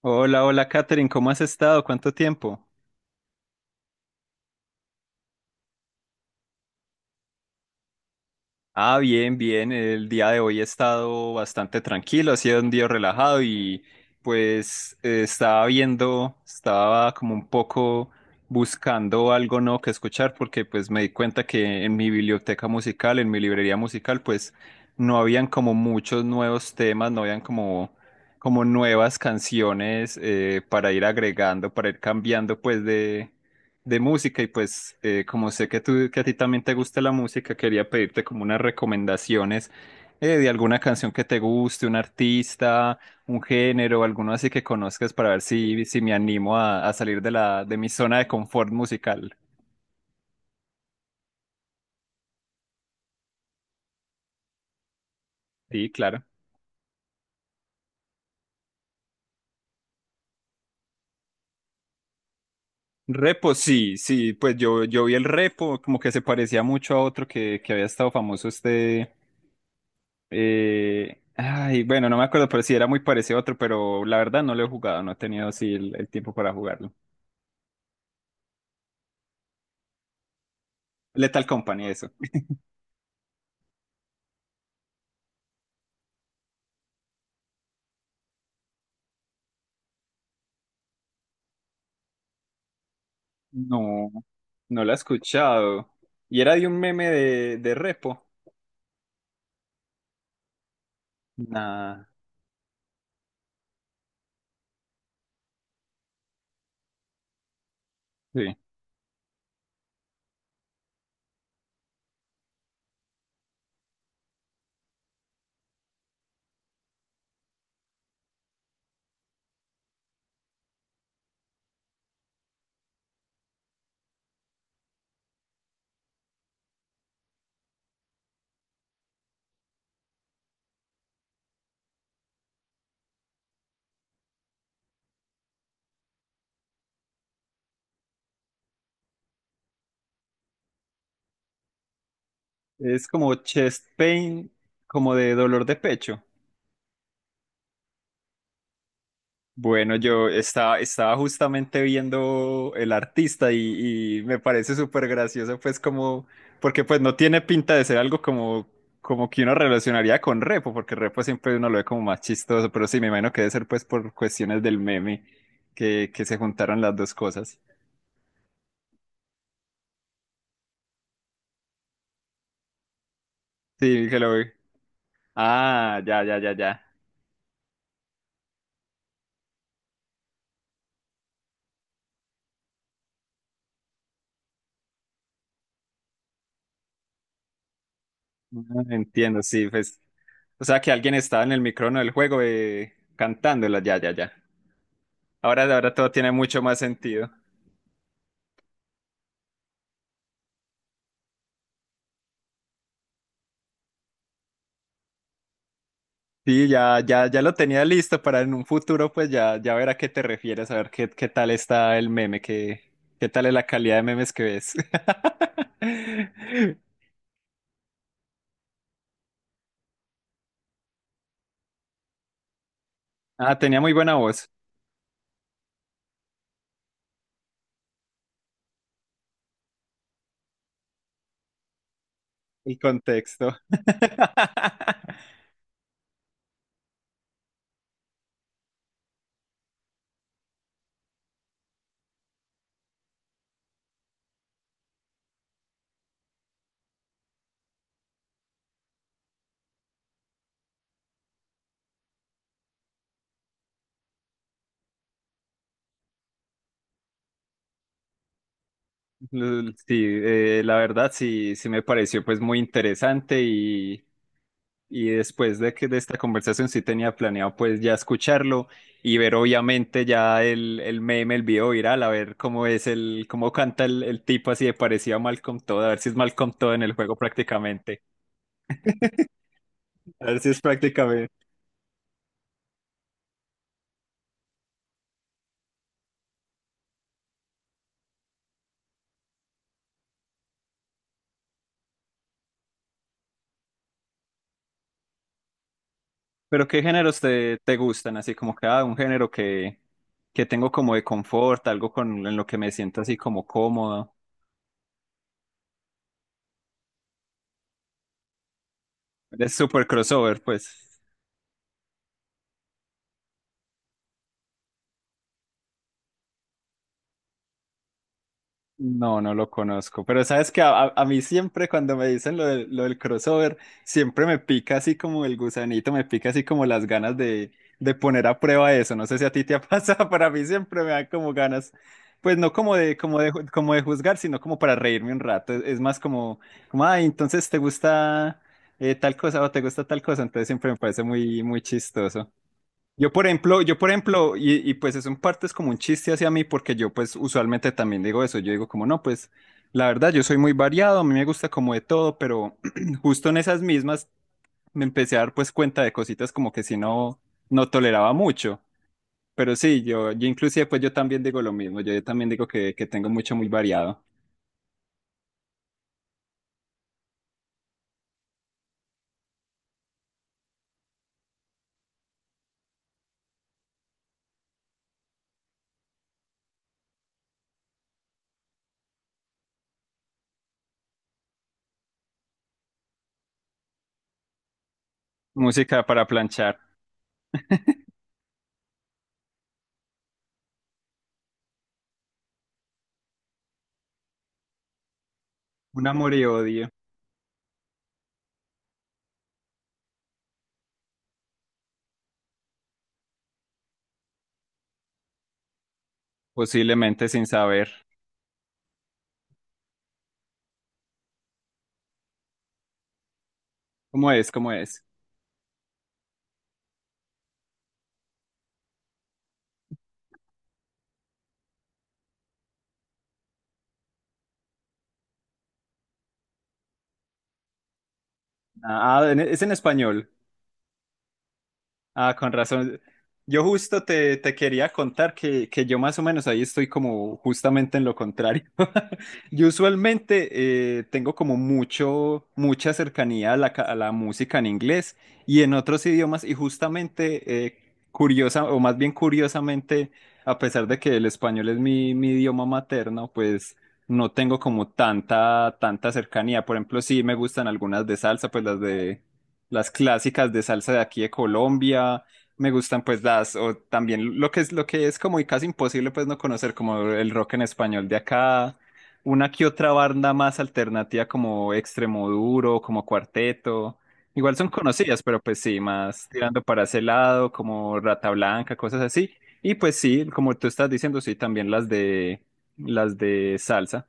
Hola, hola Katherine, ¿cómo has estado? ¿Cuánto tiempo? Ah, bien, bien. El día de hoy he estado bastante tranquilo, ha sido un día relajado y pues estaba viendo, estaba como un poco buscando algo nuevo que escuchar, porque pues me di cuenta que en mi biblioteca musical, en mi librería musical, pues no habían como muchos nuevos temas, no habían como, como nuevas canciones para ir agregando, para ir cambiando pues de música. Y pues como sé que tú, que a ti también te gusta la música, quería pedirte como unas recomendaciones de alguna canción que te guste, un artista, un género, alguno así que conozcas, para ver si, si me animo a salir de la, de mi zona de confort musical. Sí, claro. Repo, sí, sí, pues yo vi el repo, como que se parecía mucho a otro que había estado famoso este, ay, bueno, no me acuerdo, pero sí era muy parecido a otro, pero la verdad no lo he jugado, no he tenido así el tiempo para jugarlo. Lethal Company, eso. No, no la he escuchado. ¿Y era de un meme de Repo? Nah, sí. Es como chest pain, como de dolor de pecho. Bueno, yo estaba, estaba justamente viendo el artista y me parece súper gracioso, pues como, porque pues no tiene pinta de ser algo como, como que uno relacionaría con Repo, porque Repo siempre uno lo ve como más chistoso, pero sí, me imagino que debe ser pues por cuestiones del meme que se juntaron las dos cosas. Sí, que lo vi. Ah, ya, ya, ya, ya. Ah, entiendo, sí, pues. O sea, que alguien estaba en el micrófono del juego cantándola, ya, ya, ya. Ahora, ahora todo tiene mucho más sentido. Sí, ya, ya, ya lo tenía listo para en un futuro, pues ya, ya ver a qué te refieres, a ver qué, qué tal está el meme, qué, qué tal es la calidad de memes que ves. Ah, tenía muy buena voz, el contexto. Sí, la verdad sí, sí me pareció pues muy interesante, y después de que de esta conversación sí tenía planeado pues ya escucharlo y ver obviamente ya el meme, el video viral, a ver cómo es el, cómo canta el tipo así de parecido a Malcolm Todd, a ver si es Malcolm Todd en el juego prácticamente. A ver si es prácticamente. Pero ¿qué géneros te, te gustan? Así como que ah, un género que tengo como de confort, algo con en lo que me siento así como cómodo. Es súper crossover, pues. No, no lo conozco. Pero sabes que a, a mí siempre cuando me dicen lo del crossover, siempre me pica así como el gusanito, me pica así como las ganas de poner a prueba eso. No sé si a ti te ha pasado, para mí siempre me dan como ganas, pues no como de, como de, como de juzgar, sino como para reírme un rato. Es más como, como, ay, entonces te gusta tal cosa o te gusta tal cosa. Entonces siempre me parece muy, muy chistoso. Yo, por ejemplo, y pues eso en parte es como un chiste hacia mí, porque yo pues usualmente también digo eso, yo digo como no, pues la verdad yo soy muy variado, a mí me gusta como de todo, pero justo en esas mismas me empecé a dar pues cuenta de cositas como que si no, no toleraba mucho, pero sí, yo inclusive pues yo también digo lo mismo, yo también digo que tengo mucho muy variado. Música para planchar, un amor y odio, posiblemente sin saber, ¿cómo es? ¿Cómo es? Ah, ah, es en español. Ah, con razón. Yo justo te, te quería contar que yo más o menos ahí estoy como justamente en lo contrario. Yo usualmente tengo como mucho, mucha cercanía a la, a la música en inglés y en otros idiomas, y justamente curiosa, o más bien curiosamente, a pesar de que el español es mi, mi idioma materno, pues no tengo como tanta, tanta cercanía. Por ejemplo, sí me gustan algunas de salsa, pues las de las clásicas de salsa de aquí de Colombia, me gustan pues las, o también lo que es como y casi imposible pues no conocer como el rock en español de acá, una que otra banda más alternativa como Extremoduro, como Cuarteto, igual son conocidas, pero pues sí, más tirando para ese lado, como Rata Blanca, cosas así, y pues sí, como tú estás diciendo, sí, también las de salsa.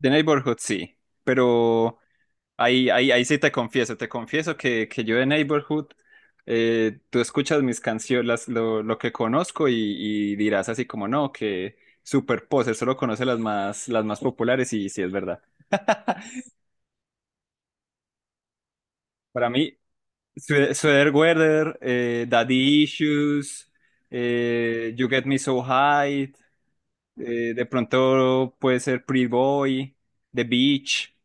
The Neighborhood sí, pero... Ahí, ahí, ahí sí te confieso que yo de Neighborhood, tú escuchas mis canciones, lo que conozco, y dirás así como no, que Super Poser solo conoce las más populares, y sí es verdad. Para mí, Sweatweather, Daddy Issues, You Get Me So High, de pronto puede ser Pretty Boy, The Beach.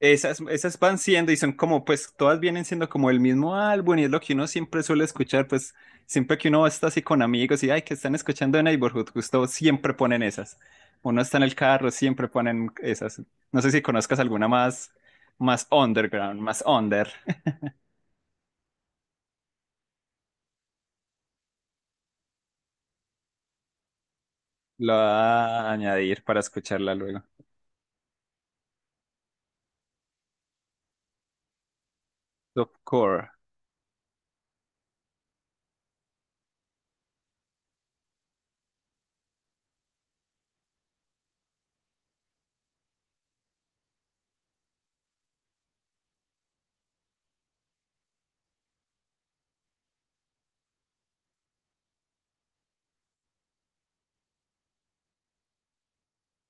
Esas, esas van siendo y son como, pues todas vienen siendo como el mismo álbum, y es lo que uno siempre suele escuchar, pues siempre que uno está así con amigos y, ay, que están escuchando de Neighborhood, justo siempre ponen esas. Uno está en el carro, siempre ponen esas. No sé si conozcas alguna más, más underground, más under. Lo voy a añadir para escucharla luego. Top core.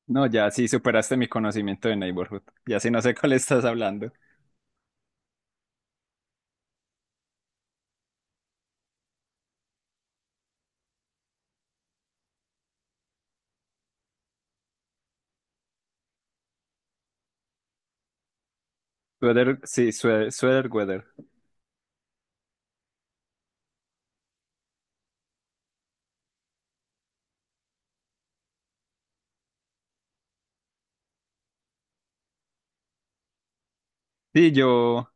No, ya sí superaste mi conocimiento de Neighborhood. Ya sí no sé cuál estás hablando. Sweater, sí, sweater, sweater weather. Sí, yo.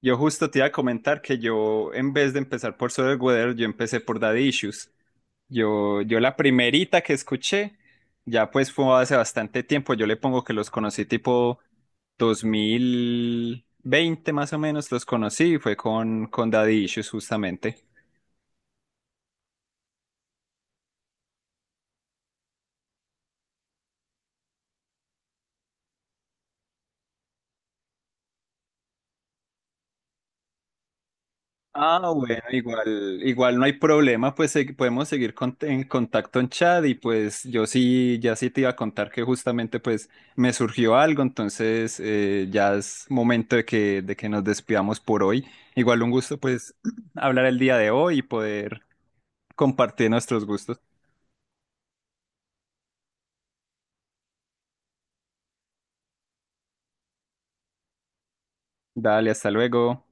Yo justo te iba a comentar que yo, en vez de empezar por Sweater Weather, yo empecé por Daddy Issues. Yo la primerita que escuché, ya pues fue hace bastante tiempo, yo le pongo que los conocí tipo 2020 más o menos, los conocí y fue con Daddy Issues justamente. Ah, bueno, igual, igual no hay problema, pues podemos seguir en contacto en chat, y pues yo sí, ya sí te iba a contar que justamente pues me surgió algo, entonces ya es momento de que nos despidamos por hoy. Igual un gusto pues hablar el día de hoy y poder compartir nuestros gustos. Dale, hasta luego.